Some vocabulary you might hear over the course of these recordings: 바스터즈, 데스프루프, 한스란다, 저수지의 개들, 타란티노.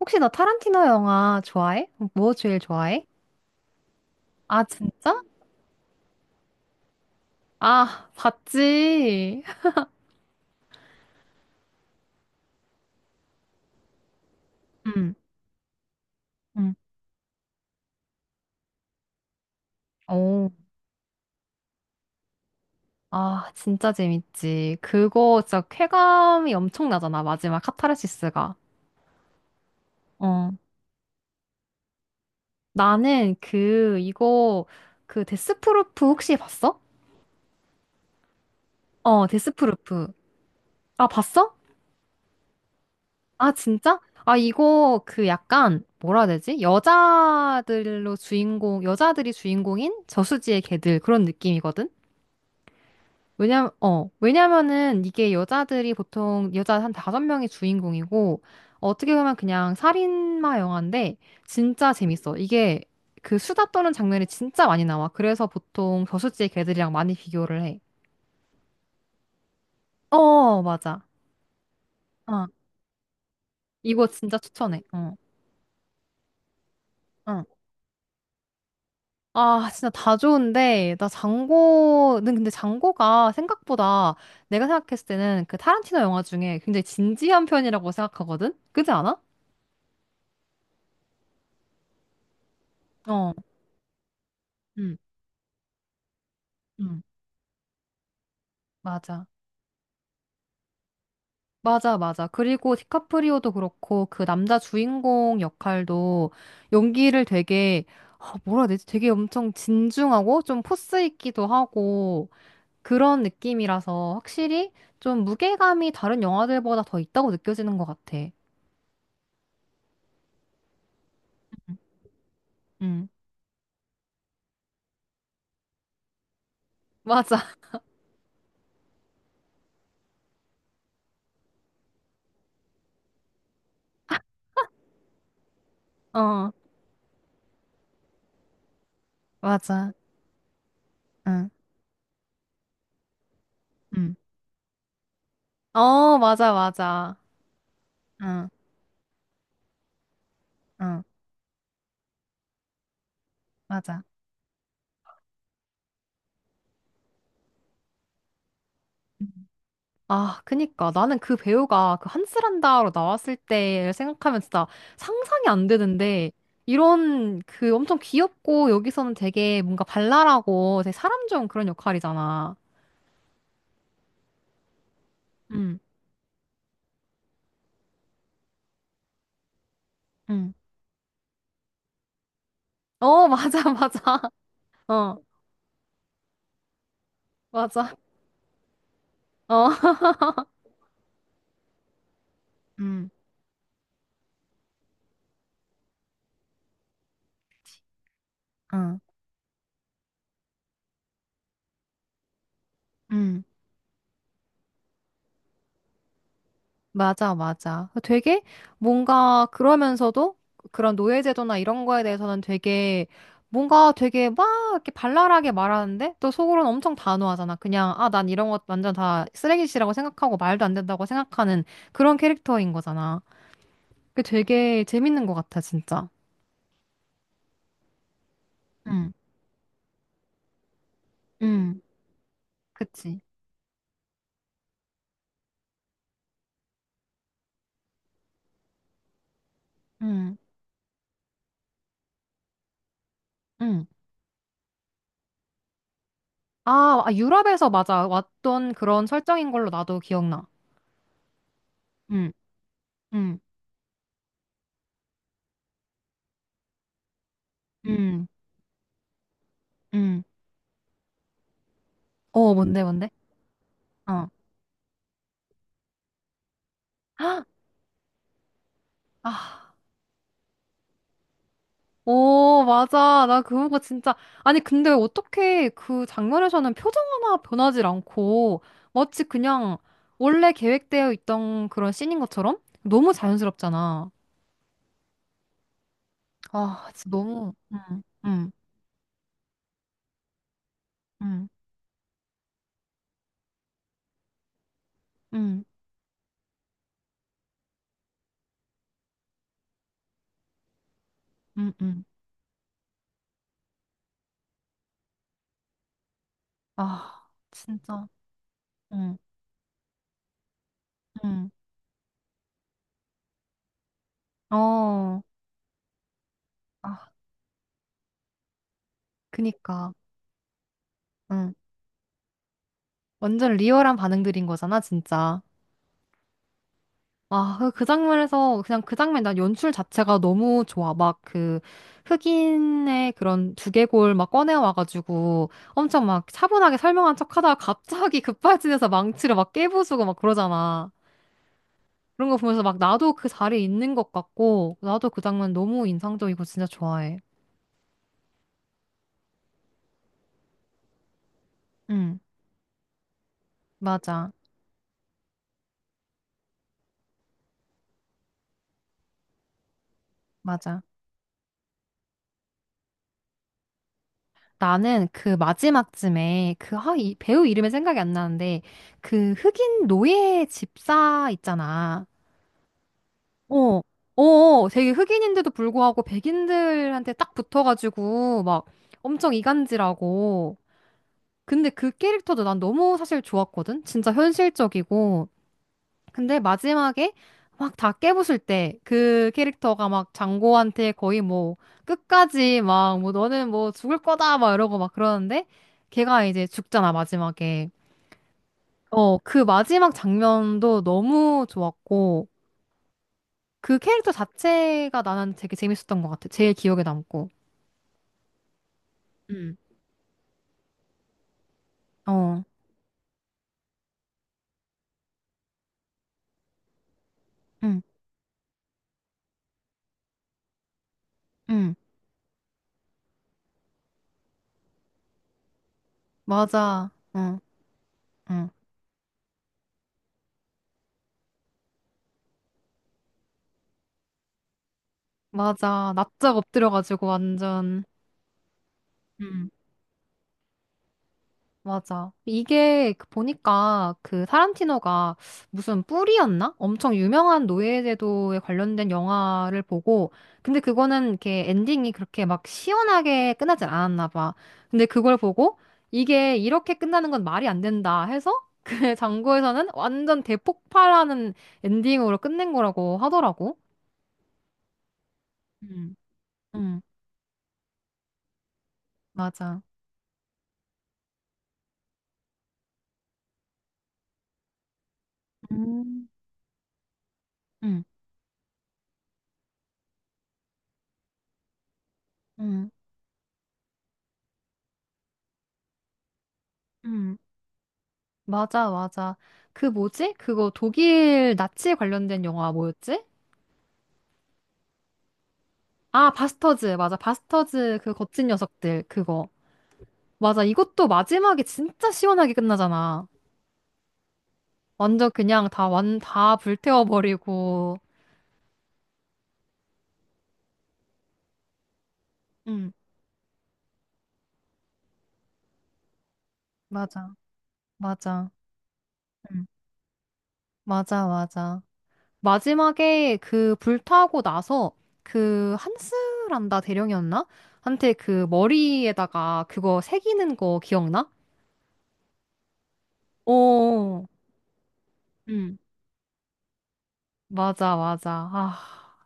혹시 너 타란티노 영화 좋아해? 뭐 제일 좋아해? 아, 진짜? 아, 봤지. 응, 응. 오, 아, 진짜 재밌지. 그거 진짜 쾌감이 엄청나잖아. 마지막 카타르시스가. 어. 나는 그, 이거, 그 데스프루프 혹시 봤어? 어, 데스프루프. 아, 봤어? 아, 진짜? 아, 이거 그 약간, 뭐라 해야 되지? 여자들로 주인공, 여자들이 주인공인 저수지의 개들 그런 느낌이거든? 왜냐면은 이게 여자들이 보통 여자 한 다섯 명이 주인공이고, 어떻게 보면 그냥 살인마 영화인데, 진짜 재밌어. 이게 그 수다 떠는 장면이 진짜 많이 나와. 그래서 보통 저수지의 개들이랑 많이 비교를 해. 어, 맞아. 어, 이거 진짜 추천해. 어, 어. 아, 진짜 다 좋은데, 나 장고는 근데 장고가 생각보다 내가 생각했을 때는 그 타란티노 영화 중에 굉장히 진지한 편이라고 생각하거든? 그지 않아? 어. 응응 맞아. 맞아, 맞아. 그리고 디카프리오도 그렇고, 그 남자 주인공 역할도 연기를 되게, 아, 뭐라 해야 되지? 되게 엄청 진중하고, 좀 포스 있기도 하고, 그런 느낌이라서 확실히 좀 무게감이 다른 영화들보다 더 있다고 느껴지는 것 같아. 응. 맞아. 어, 맞아. 응, 응. 어, 맞아, 맞아. 응, 응, 맞아. 응. 아, 그니까. 나는 그 배우가 그 한스란다로 나왔을 때를 생각하면 진짜 상상이 안 되는데, 이런 그 엄청 귀엽고 여기서는 되게 뭔가 발랄하고 되게 사람 좋은 그런 역할이잖아. 응, 응. 어, 맞아, 맞아. 어, 맞아. 어. 응, 응. 응. 맞아, 맞아. 되게 뭔가 그러면서도 그런 노예제도나 이런 거에 대해서는 되게 뭔가 되게 막 이렇게 발랄하게 말하는데 또 속으로는 엄청 단호하잖아. 그냥 아, 난 이런 것 완전 다 쓰레기시라고 생각하고 말도 안 된다고 생각하는 그런 캐릭터인 거잖아. 그게 되게 재밌는 것 같아, 진짜. 응, 응, 그치. 응, 응. 아, 아, 유럽에서 맞아. 왔던 그런 설정인 걸로 나도 기억나. 응, 응, 응, 응. 어, 뭔데, 뭔데? 아, 오, 맞아. 나 그거 진짜. 아니, 근데 어떻게 그 장면에서는 표정 하나 변하지 않고 마치 그냥 원래 계획되어 있던 그런 씬인 것처럼 너무 자연스럽잖아. 아, 진짜 너무. 응, 응, 응, 응, 응, 응. 아, 진짜. 응, 응. 어, 아, 그니까. 응. 완전 리얼한 반응들인 거잖아, 진짜. 아, 그, 그 장면에서, 그냥 그 장면, 난 연출 자체가 너무 좋아. 막 그, 흑인의 그런 두개골 막 꺼내와가지고 엄청 막 차분하게 설명한 척 하다가 갑자기 급발진해서 망치를 막 깨부수고 막 그러잖아. 그런 거 보면서 막 나도 그 자리에 있는 것 같고, 나도 그 장면 너무 인상적이고 진짜 좋아해. 응, 맞아, 맞아. 나는 그 마지막쯤에 그, 아, 이 배우 이름이 생각이 안 나는데, 그 흑인 노예 집사 있잖아. 어, 어, 어. 되게 흑인인데도 불구하고 백인들한테 딱 붙어가지고 막 엄청 이간질하고. 근데 그 캐릭터도 난 너무 사실 좋았거든? 진짜 현실적이고. 근데 마지막에 막 다 깨부술 때 그 캐릭터가 막 장고한테 거의 뭐 끝까지 막 뭐 너는 뭐 죽을 거다 막 이러고 막 그러는데 걔가 이제 죽잖아, 마지막에. 어, 그 마지막 장면도 너무 좋았고. 그 캐릭터 자체가 나는 되게 재밌었던 것 같아. 제일 기억에 남고. 응, 어, 응, 응, 맞아. 응, 응, 맞아. 납작 엎드려가지고 완전. 맞아. 이게 그 보니까 그 타란티노가 무슨 뿔이었나? 엄청 유명한 노예제도에 관련된 영화를 보고, 근데 그거는 이렇게 엔딩이 그렇게 막 시원하게 끝나진 않았나 봐. 근데 그걸 보고 이게 이렇게 끝나는 건 말이 안 된다 해서 그 장고에서는 완전 대폭발하는 엔딩으로 끝낸 거라고 하더라고. 음. 응, 맞아. 음. 응, 응, 응. 맞아, 맞아. 그 뭐지? 그거 독일 나치 관련된 영화 뭐였지? 아, 바스터즈. 맞아. 바스터즈 그 거친 녀석들. 그거. 맞아. 이것도 마지막에 진짜 시원하게 끝나잖아. 완전 그냥 다 불태워버리고. 응, 맞아. 맞아. 응, 맞아, 맞아. 마지막에 그 불타고 나서 그 한스란다 대령이었나? 한테 그 머리에다가 그거 새기는 거 기억나? 어. 응. 맞아, 맞아. 아,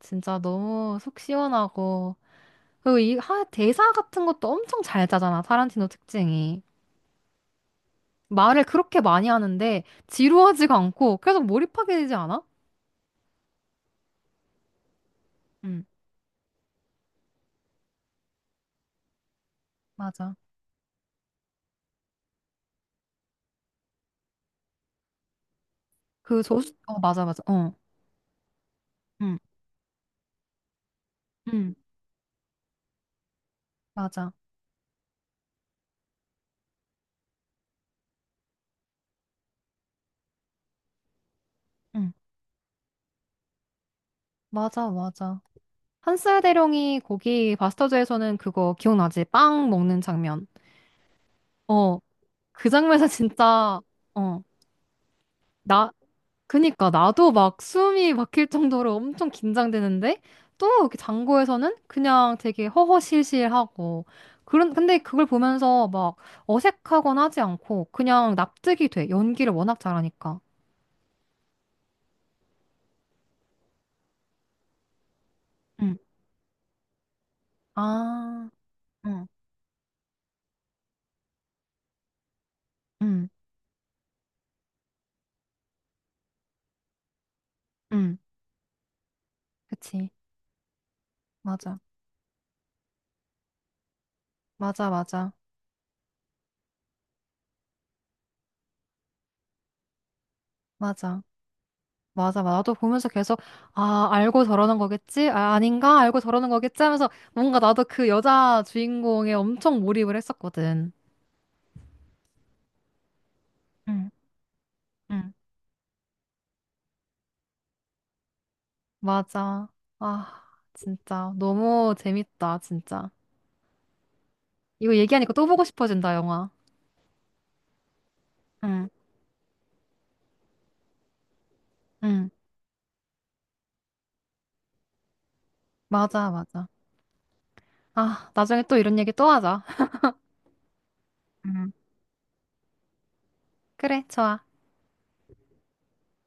진짜 너무 속 시원하고. 그리고 이 하, 대사 같은 것도 엄청 잘 짜잖아, 타란티노 특징이. 말을 그렇게 많이 하는데 지루하지가 않고 계속 몰입하게 되지 않아? 응, 맞아. 그 조수, 어, 맞아, 맞아. 어, 응, 응, 맞아. 응, 맞아, 맞아. 한스 대령이 거기 바스터즈에서는 그거 기억나지? 빵 먹는 장면. 어, 그 장면에서 진짜, 어, 나, 그니까 나도 막 숨이 막힐 정도로 엄청 긴장되는데 또 이렇게 장고에서는 그냥 되게 허허실실하고 그런 근데 그걸 보면서 막 어색하거나 하지 않고 그냥 납득이 돼. 연기를 워낙 잘하니까. 응, 아, 응, 응, 응, 그치. 맞아. 맞아, 맞아. 맞아. 맞아, 맞아. 나도 보면서 계속, 아, 알고 저러는 거겠지? 아, 아닌가? 알고 저러는 거겠지? 하면서 뭔가 나도 그 여자 주인공에 엄청 몰입을 했었거든. 응, 응. 맞아. 아, 진짜. 너무 재밌다, 진짜. 이거 얘기하니까 또 보고 싶어진다, 영화. 응, 응, 맞아, 맞아. 아, 나중에 또 이런 얘기 또 하자. 응. 그래, 좋아.